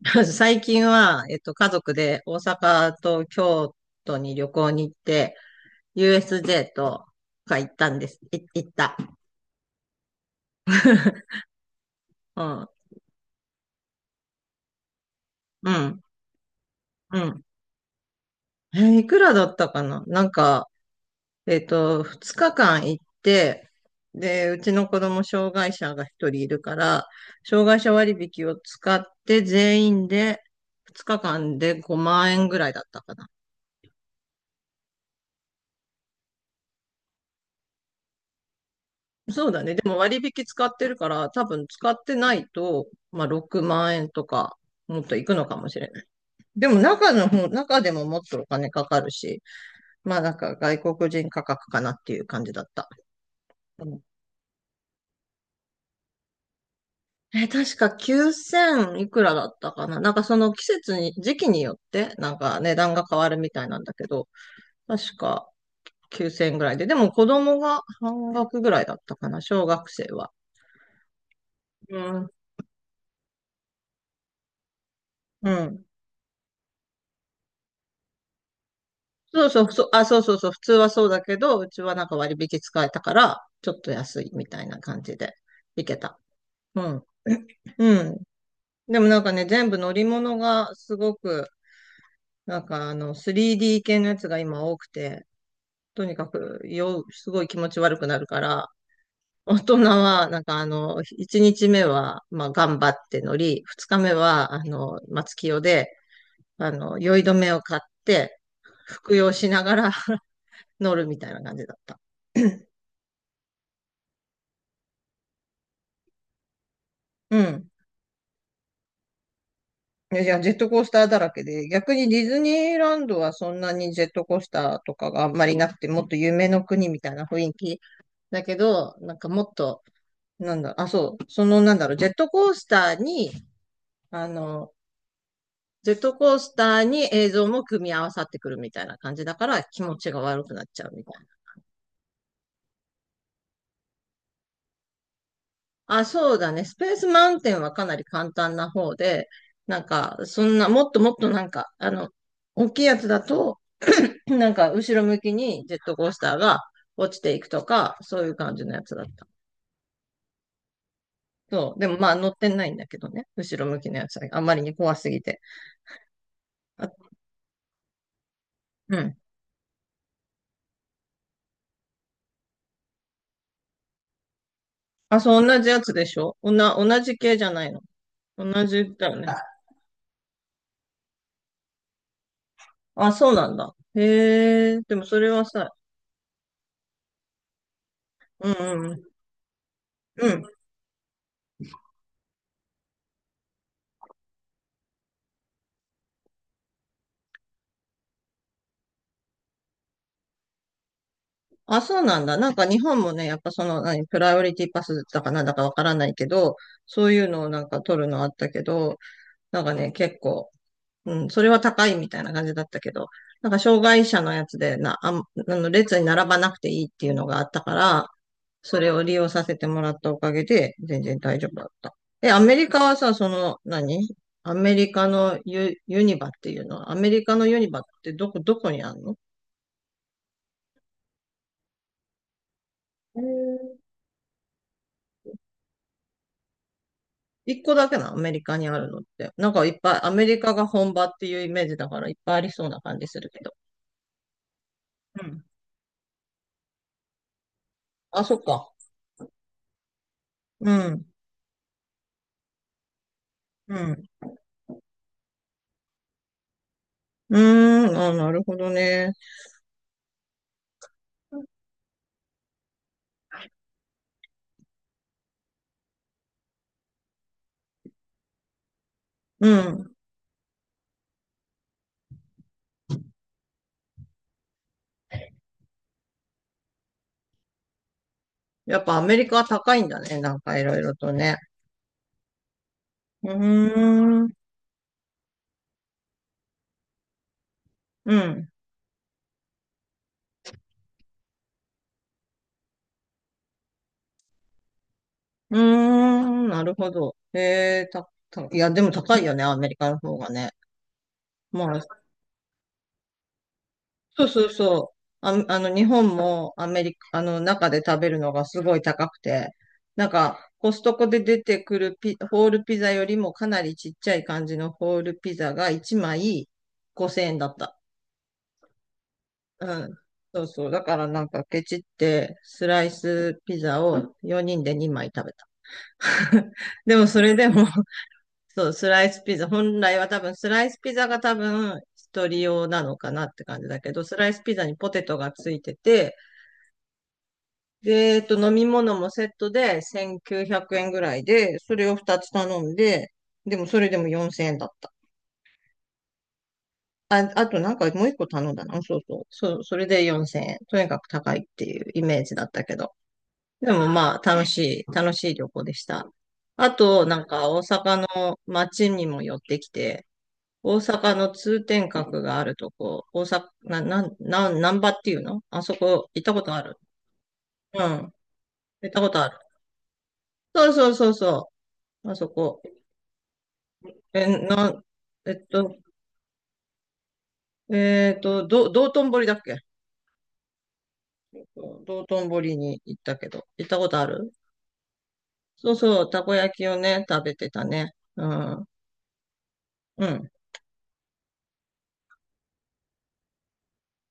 最近は、家族で大阪と京都に旅行に行って、USJ とか行ったんです。行った。うん。うん。うん。いくらだったかな、なんか、2日間行って、で、うちの子供障害者が一人いるから、障害者割引を使って全員で2日間で5万円ぐらいだったか。そうだね。でも割引使ってるから、多分使ってないと、まあ6万円とか、もっといくのかもしれない。でも中の方、中でももっとお金かかるし、まあなんか外国人価格かなっていう感じだった。うん。え、確か9000いくらだったかな。なんかその季節に、時期によって、なんか値段が変わるみたいなんだけど、確か9000ぐらいで。でも子供が半額ぐらいだったかな、小学生は。うん。うん。そうそう、そう、あ、そうそうそう、普通はそうだけど、うちはなんか割引使えたから、ちょっと安いみたいな感じで行けた。うん。うん。でもなんかね、全部乗り物がすごく、なんかあの、3D 系のやつが今多くて、とにかく、すごい気持ち悪くなるから、大人は、なんかあの、1日目は、まあ、頑張って乗り、2日目は、あの、松清で、あの、酔い止めを買って、服用しながら 乗るみたいな感じだった。うん。いやいや、ジェットコースターだらけで、逆にディズニーランドはそんなにジェットコースターとかがあんまりなくて、もっと夢の国みたいな雰囲気だけど、なんかもっと、なんだ、あ、そう、そのなんだろう、ジェットコースターに、あの、ジェットコースターに映像も組み合わさってくるみたいな感じだから気持ちが悪くなっちゃうみたいな。あ、そうだね。スペースマウンテンはかなり簡単な方で、なんか、そんな、もっともっとなんか、あの、大きいやつだと、なんか後ろ向きにジェットコースターが落ちていくとか、そういう感じのやつだった。そう。でもまあ乗ってないんだけどね。後ろ向きのやつはあまりに怖すぎて。あ、うん。あ、そう、同じやつでしょ、同じ系じゃないの。同じだよね。あ、そうなんだ。へえ、でもそれはさ、うん。うん、うん。あ、そうなんだ。なんか日本もね、やっぱその、何、プライオリティパスだかなんだかわからないけど、そういうのをなんか取るのあったけど、なんかね、結構、うん、それは高いみたいな感じだったけど、なんか障害者のやつでな、あん、あの列に並ばなくていいっていうのがあったから、それを利用させてもらったおかげで、全然大丈夫だった。え、アメリカはさ、その、何アメリカのユニバっていうのは、アメリカのユニバってどこ、どこにあるの？えー一個だけなの、アメリカにあるのって。なんかいっぱい、アメリカが本場っていうイメージだからいっぱいありそうな感じするけど。うん。あ、そっか。うん。うん。うーん、あ、なるほどね。うん。やっぱアメリカは高いんだね。なんかいろいろとね。うーん、うん、うーん、なるほど。えー、た、た、いや、でも高いよね、アメリカの方がね。まあ、そうそうそう。あ、あの、日本もアメリカ、あの、中で食べるのがすごい高くて、なんか、コストコで出てくるホールピザよりもかなりちっちゃい感じのホールピザが1枚5000円だった。うん。そうそう。だからなんかケチってスライスピザを4人で2枚食べた。でもそれでも、そう、スライスピザ、本来は多分スライスピザが多分一人用なのかなって感じだけど、スライスピザにポテトがついてて、で、飲み物もセットで1900円ぐらいで、それを2つ頼んで、でもそれでも4000円だった。あ、あとなんかもう一個頼んだな。そうそう。そう、それで4000円。とにかく高いっていうイメージだったけど。でもまあ、楽しい、楽しい旅行でした。あと、なんか大阪の街にも寄ってきて、大阪の通天閣があるとこ、大阪、なんばっていうのあそこ行ったことある？うん。行ったことある。そうそうそうそう。あそこ。え、なん、えっと、えっと、ど、道頓堀だっけ？道頓堀に行ったけど、行ったことある？そうそう、たこ焼きをね、食べてたね。うん。うん。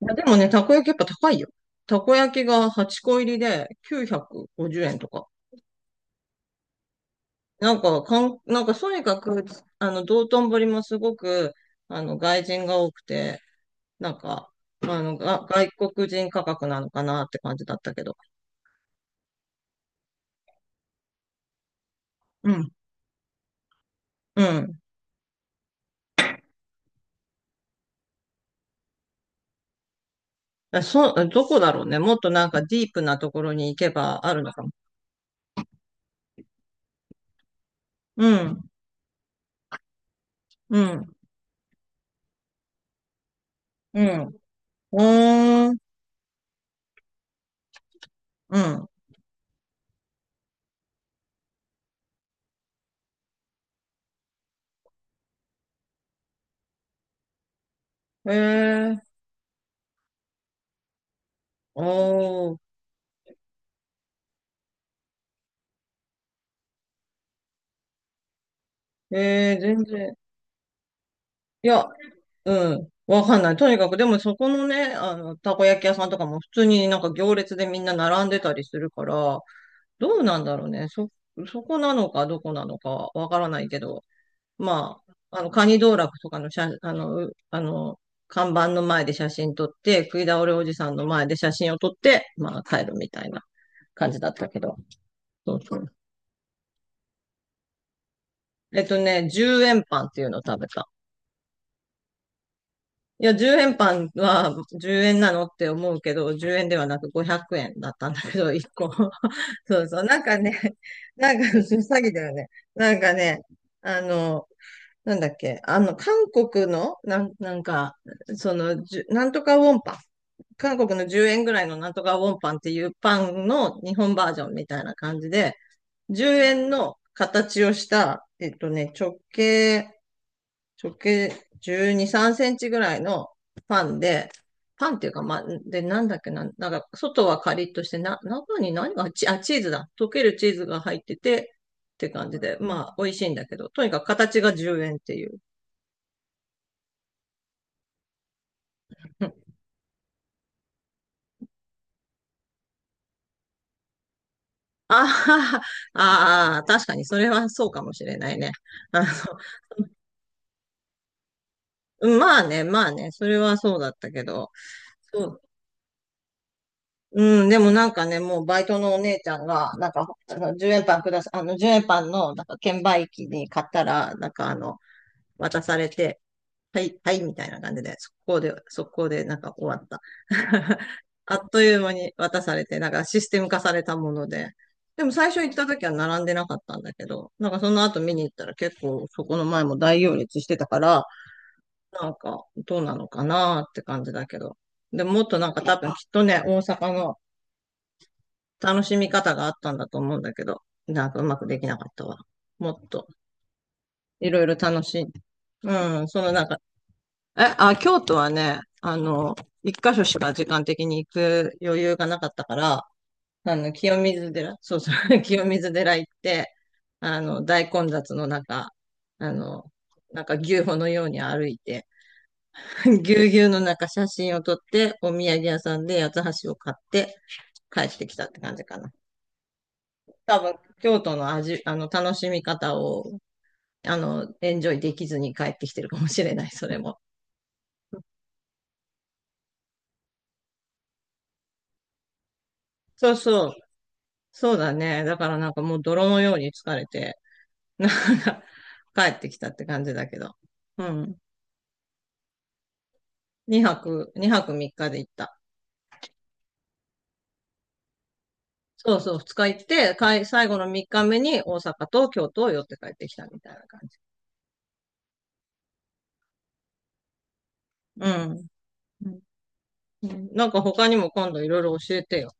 いやでもね、たこ焼きやっぱ高いよ。たこ焼きが8個入りで950円とか。なんか、なんか、とにかく、あの、道頓堀もすごく、あの、外人が多くて、なんか、あの、外国人価格なのかなって感じだったけど。うん、うん。あそう、どこだろうね。もっとなんかディープなところに行けばあるのかも。うん、うん、うん。うーん、うん。へえー、おー、えー、全然。いや、うん。わかんない。とにかく、でもそこのね、あの、たこ焼き屋さんとかも普通になんか行列でみんな並んでたりするから、どうなんだろうね。そこなのかどこなのかわからないけど、まあ、あの、カニ道楽とかの写、あの、うあの、看板の前で写真撮って、食い倒れおじさんの前で写真を撮って、まあ帰るみたいな感じだったけど。そうそう。10円パンっていうのを食べた。いや、10円パンは10円なのって思うけど、10円ではなく500円だったんだけど、1個。そうそう。なんかね、なんか詐欺 だよね。なんかね、あの、なんだっけ、あの、韓国の、なんか、その、じゅなんとかウォンパン。韓国の10円ぐらいのなんとかウォンパンっていうパンの日本バージョンみたいな感じで、10円の形をした、えっとね、直径12、3センチぐらいのパンで、パンっていうか、まあ、で、なんだっけな、なんか、外はカリッとして、な、中に何が、チーズだ。溶けるチーズが入ってて、って感じで、まあ、美味しいんだけど、とにかく形が10円っていう。うん。ああ、ああ、確かにそれはそうかもしれないね。あの、まあね、まあね、それはそうだったけど、そう。うん、でもなんかね、もうバイトのお姉ちゃんが、なんか、あの10円パンください、あの、10円パンの、なんか、券売機に買ったら、なんか、あの、渡されて、はい、はい、みたいな感じで、速攻で、速攻で、なんか終わった。あっという間に渡されて、なんかシステム化されたもので。でも最初行った時は並んでなかったんだけど、なんかその後見に行ったら結構そこの前も大行列してたから、なんかどうなのかなって感じだけど。でももっとなんか多分きっとね、大阪の楽しみ方があったんだと思うんだけど、なんかうまくできなかったわ。もっと、いろいろ楽しい。うん、そのなんか、え、あ、京都はね、あの、一箇所しか時間的に行く余裕がなかったから、あの、清水寺、そうそう、清水寺行って、あの、大混雑の中、あの、なんか牛歩のように歩いて、ぎゅうぎゅうの中写真を撮って、お土産屋さんで八つ橋を買って帰ってきたって感じかな。多分、京都の、あの、楽しみ方を、あの、エンジョイできずに帰ってきてるかもしれない、それも。そうそう、そうだね。だからなんかもう泥のように疲れて、なんか、帰ってきたって感じだけど。うん。2泊3日で行った。そうそう、2日行って、かい、最後の3日目に大阪と京都を寄って帰ってきたみたいな感じ。うん。うん。なんか他にも今度いろいろ教えてよ。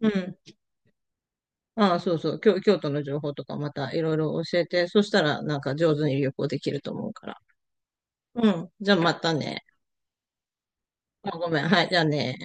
うん。ああ、そうそう、京都の情報とかまたいろいろ教えて、そしたらなんか上手に旅行できると思うから。うん。じゃあまたね。あ、ごめん。はい、じゃあね。